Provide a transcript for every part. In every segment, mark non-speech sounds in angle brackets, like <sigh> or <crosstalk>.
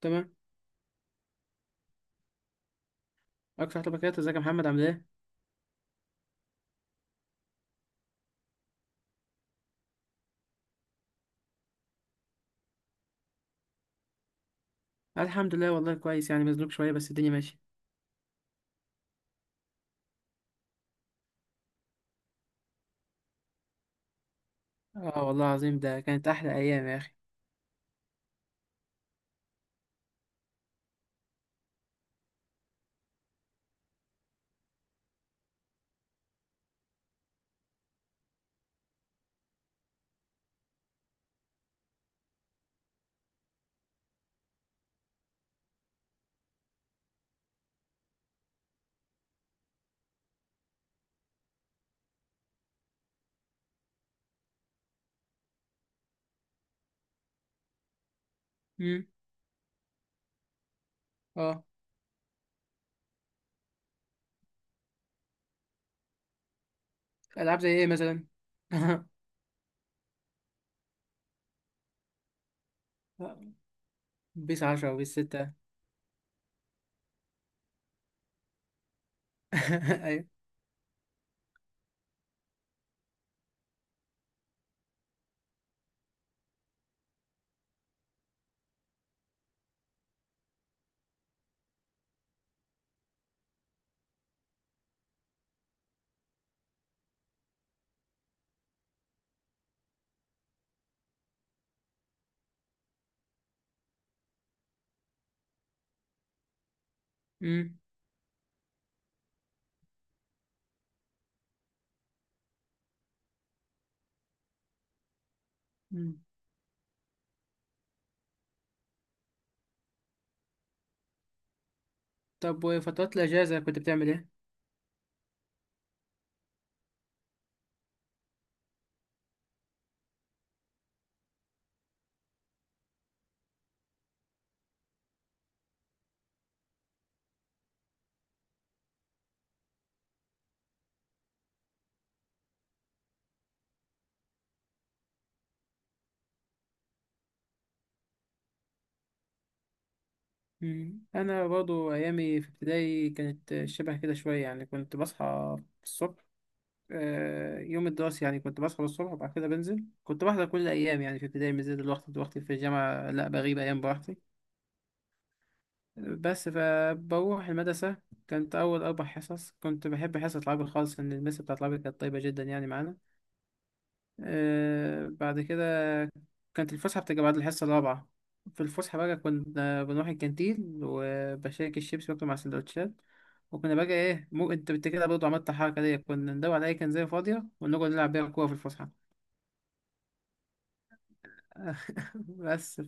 تمام. اكتر حاجه بكات، ازيك يا محمد؟ عامل ايه؟ الحمد لله والله كويس، يعني مزنوق شويه بس الدنيا ماشيه. اه والله العظيم ده كانت احلى ايام يا اخي. امم. اه. العاب زي ايه مثلا؟ <laughs> بيس 10 وبيس 6. <laughs> ايوه. امم. أمم. طب وفترات الاجازه كنت بتعمل ايه؟ انا برضو ايامي في ابتدائي كانت شبه كده شويه، يعني كنت بصحى الصبح. يوم الدراسي يعني كنت بصحى الصبح وبعد كده بنزل، كنت بحضر كل الايام يعني في ابتدائي، من زي دلوقتي. دلوقتي في الجامعه لا بغيب ايام براحتي بس فبروح المدرسة. كانت أول أربع حصص كنت بحب حصة العربي خالص لأن المس بتاعت العربي كانت طيبة جدا يعني معانا. بعد كده كانت الفسحة بتبقى بعد الحصة الرابعة. في الفسحة بقى كنا بنروح الكانتين وبشارك الشيبس باكله مع سندوتشات. وكنا بقى إيه، مو أنت بت كده برضه عملت الحركة دي، كنا ندور على أي كنزاية فاضية ونقعد نلعب بيها كورة في الفسحة. <laughs> بس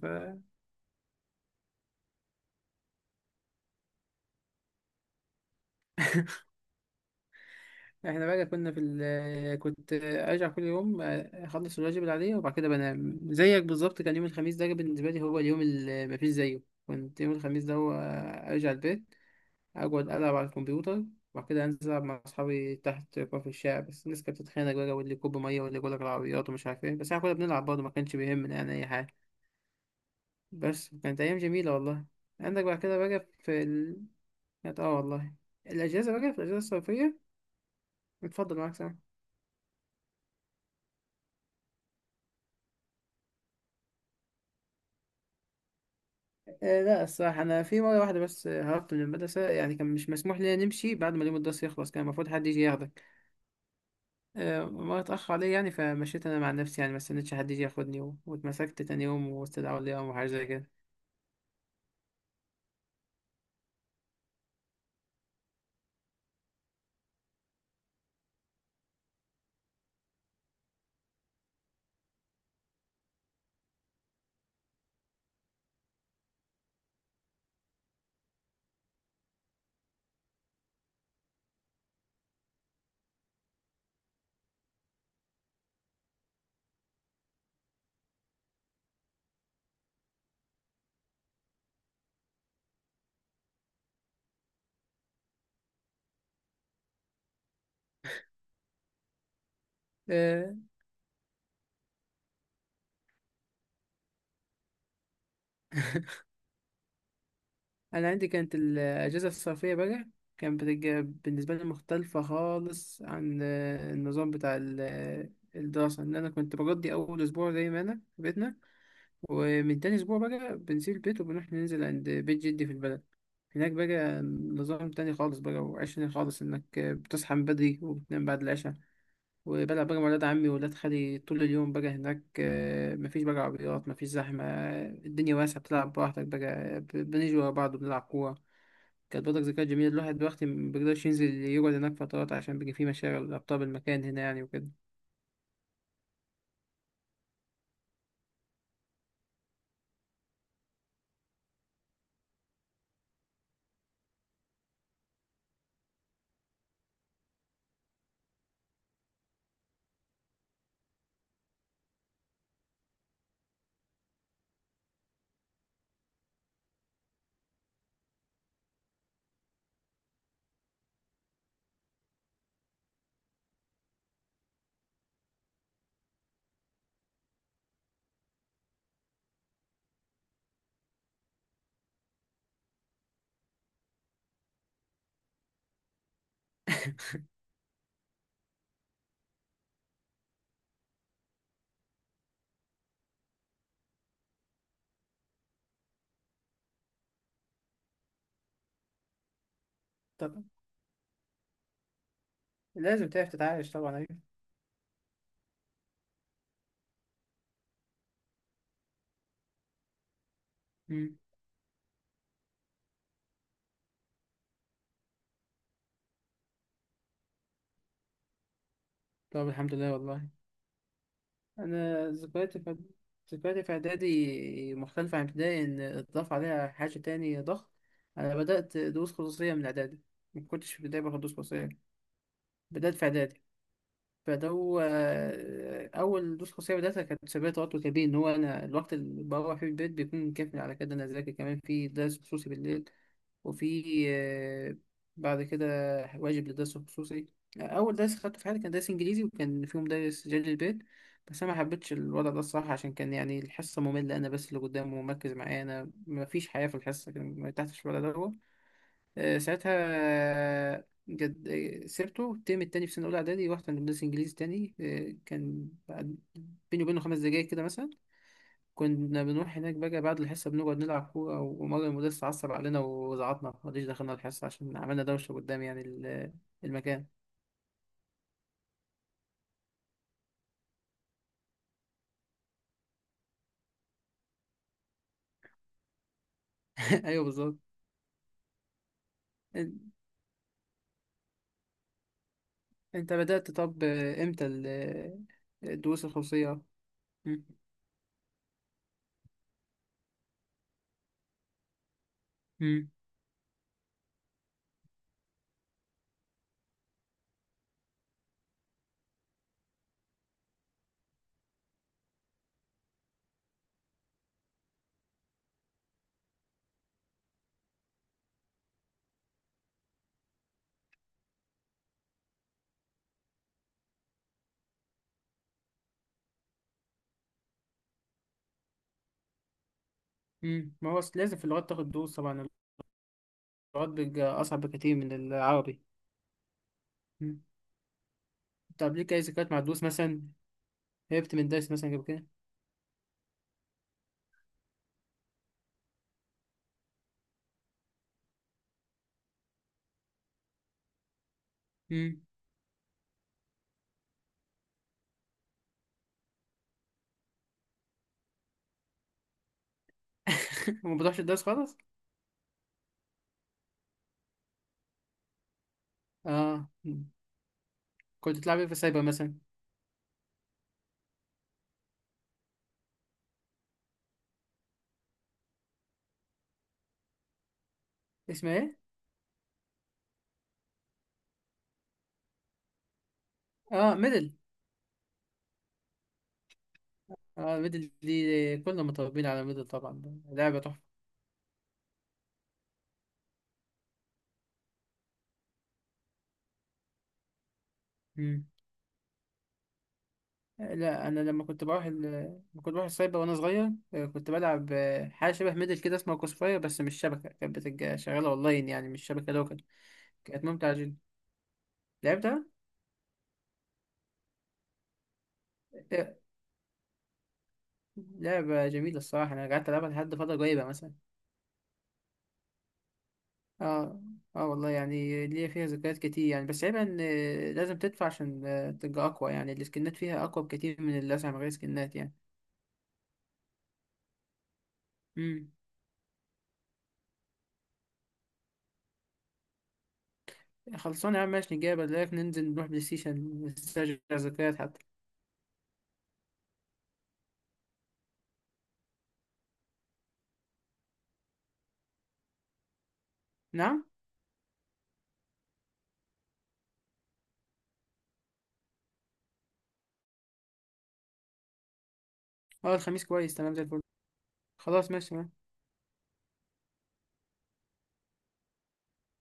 احنا بقى كنا في ال... كنت ارجع كل يوم، اخلص الواجب اللي عليا وبعد كده بنام زيك بالظبط. كان يوم الخميس ده بالنسبه لي هو اليوم اللي مفيش زيه. كنت يوم الخميس ده هو ارجع البيت، اقعد العب على الكمبيوتر، وبعد كده انزل العب مع اصحابي تحت في الشارع. بس الناس كانت بتتخانق بقى، واللي يكب ميه واللي يقول لك العربيات ومش عارف ايه، بس احنا كنا بنلعب برضه ما كانش بيهمنا يعني اي حاجه. بس كانت ايام جميله والله. عندك بعد كده بقى في ال... كانت والله الاجازه بقى في الاجازه الصيفيه. اتفضل معاك سامح. لا الصراحة أنا في مرة واحدة بس هربت من المدرسة، يعني كان مش مسموح لنا نمشي بعد ما اليوم الدراسي يخلص، كان المفروض حد يجي ياخدك. مرة اتأخر عليا يعني فمشيت أنا مع نفسي يعني ما استنيتش حد يجي ياخدني و- واتمسكت تاني يوم واستدعوا لي يوم وحاجة زي كده. آه، أنا عندي كانت الأجازة الصيفية بقى كانت بتج- بالنسبة لي مختلفة خالص عن آه، النظام بتاع ال- آه، الدراسة إن أنا كنت بقضي أول أسبوع زي ما أنا في بيتنا، ومن تاني أسبوع بقى بنسيب البيت وبنروح ننزل عند بيت جدي في البلد. هناك بقى نظام تاني خالص بقى وعيش تاني خالص، إنك بتصحى من بدري وبتنام بعد العشاء. وبلعب بقى مع ولاد عمي وولاد خالي طول اليوم بقى هناك، مفيش بقى عربيات مفيش زحمة. الدنيا واسعة بتلعب براحتك بقى، بنيجي ورا بعض وبنلعب كورة. كانت برضك ذكريات جميلة، الواحد دلوقتي مبيقدرش ينزل يقعد هناك فترات عشان بيجي فيه مشاغل أبطال المكان هنا يعني وكده. طبعا لازم تعرف تتعايش طبعا أيوة. مم. طب الحمد لله والله. أنا ذكرياتي في إعدادي مختلفة عن ابتدائي إن اتضاف عليها حاجة تاني ضخم. أنا بدأت دروس خصوصية من إعدادي، ما كنتش في ابتدائي باخد دروس خصوصية، بدأت في إعدادي. فدو آه، أول دروس خصوصية بدأتها كانت سبب توتر كبير، إن هو أنا الوقت اللي بروح فيه البيت بيكون كافي على كده إن أنا أذاكر كمان في درس خصوصي بالليل. وفي آه، بعد كده واجب للدرس الخصوصي. أول درس خدته في حياتي كان درس إنجليزي وكان فيه مدرس جلد البيت. بس أنا ما حبيتش الوضع ده الصراحة عشان كان يعني الحصة مملة، أنا بس اللي قدامه ومركز معايا، أنا مفيش حياة في الحصة، كان ما ارتحتش في الوضع ده هو. ساعتها، جد، سيبته الترم التاني في سنة أولى إعدادي، رحت عند مدرس إنجليزي تاني. بيني وبينه 5 دقايق كده مثلا. كنا بنروح هناك بقى بعد الحصة بنقعد نلعب كورة، ومرة المدرس عصب علينا وزعطنا مرضيش دخلنا الحصة عشان عملنا دوشة قدام يعني المكان. <laughs> أيوه بالظبط. إن- أنت بدأت، طب إمتى الدروس الخصوصية؟ مم. مم. مم. ما هو أصل لازم في اللغات تاخد دروس طبعا. اللغات بيبقى أصعب بكتير من العربي. مم. طب ليك أي ذكريات مع الدروس مثلا؟ هربت من الدرس مثلا قبل كده؟ مم. <laughs> ما بتروحش الدرس خالص؟ آه مم. كنت تلعب إيه في السايبر مثلا؟ اسمها إيه؟ آه ميدل. اه الميدل دي كلنا متربيين على الميدل طبعا، لعبة تحفة. مم. لا أنا لما كنت بروح السايبر وأنا صغير، كنت بلعب حاجة شبه ميدل كده اسمها كوسفاير بس مش شبكة، كانت بتبقى شغالة أونلاين يعني مش شبكة لوكال. كانت ممتعة جدا. لعبتها؟ آه، لعبة جميلة الصراحة، أنا قعدت ألعبها لحد فترة قريبة مثلا. اه. اه والله يعني ليا فيها ذكريات كتير يعني، بس عيبها إن لازم تدفع عشان تبقى أقوى، يعني السكنات فيها أقوى بكتير من اللي أسعى من غير سكنات يعني. مم. خلصانة يا عم ماشي، نجيب لك ننزل نروح بلاي ستيشن نسترجع ذكريات حتى. نعم. اه الخميس كويس تمام زي الفل. خلاص ماشي.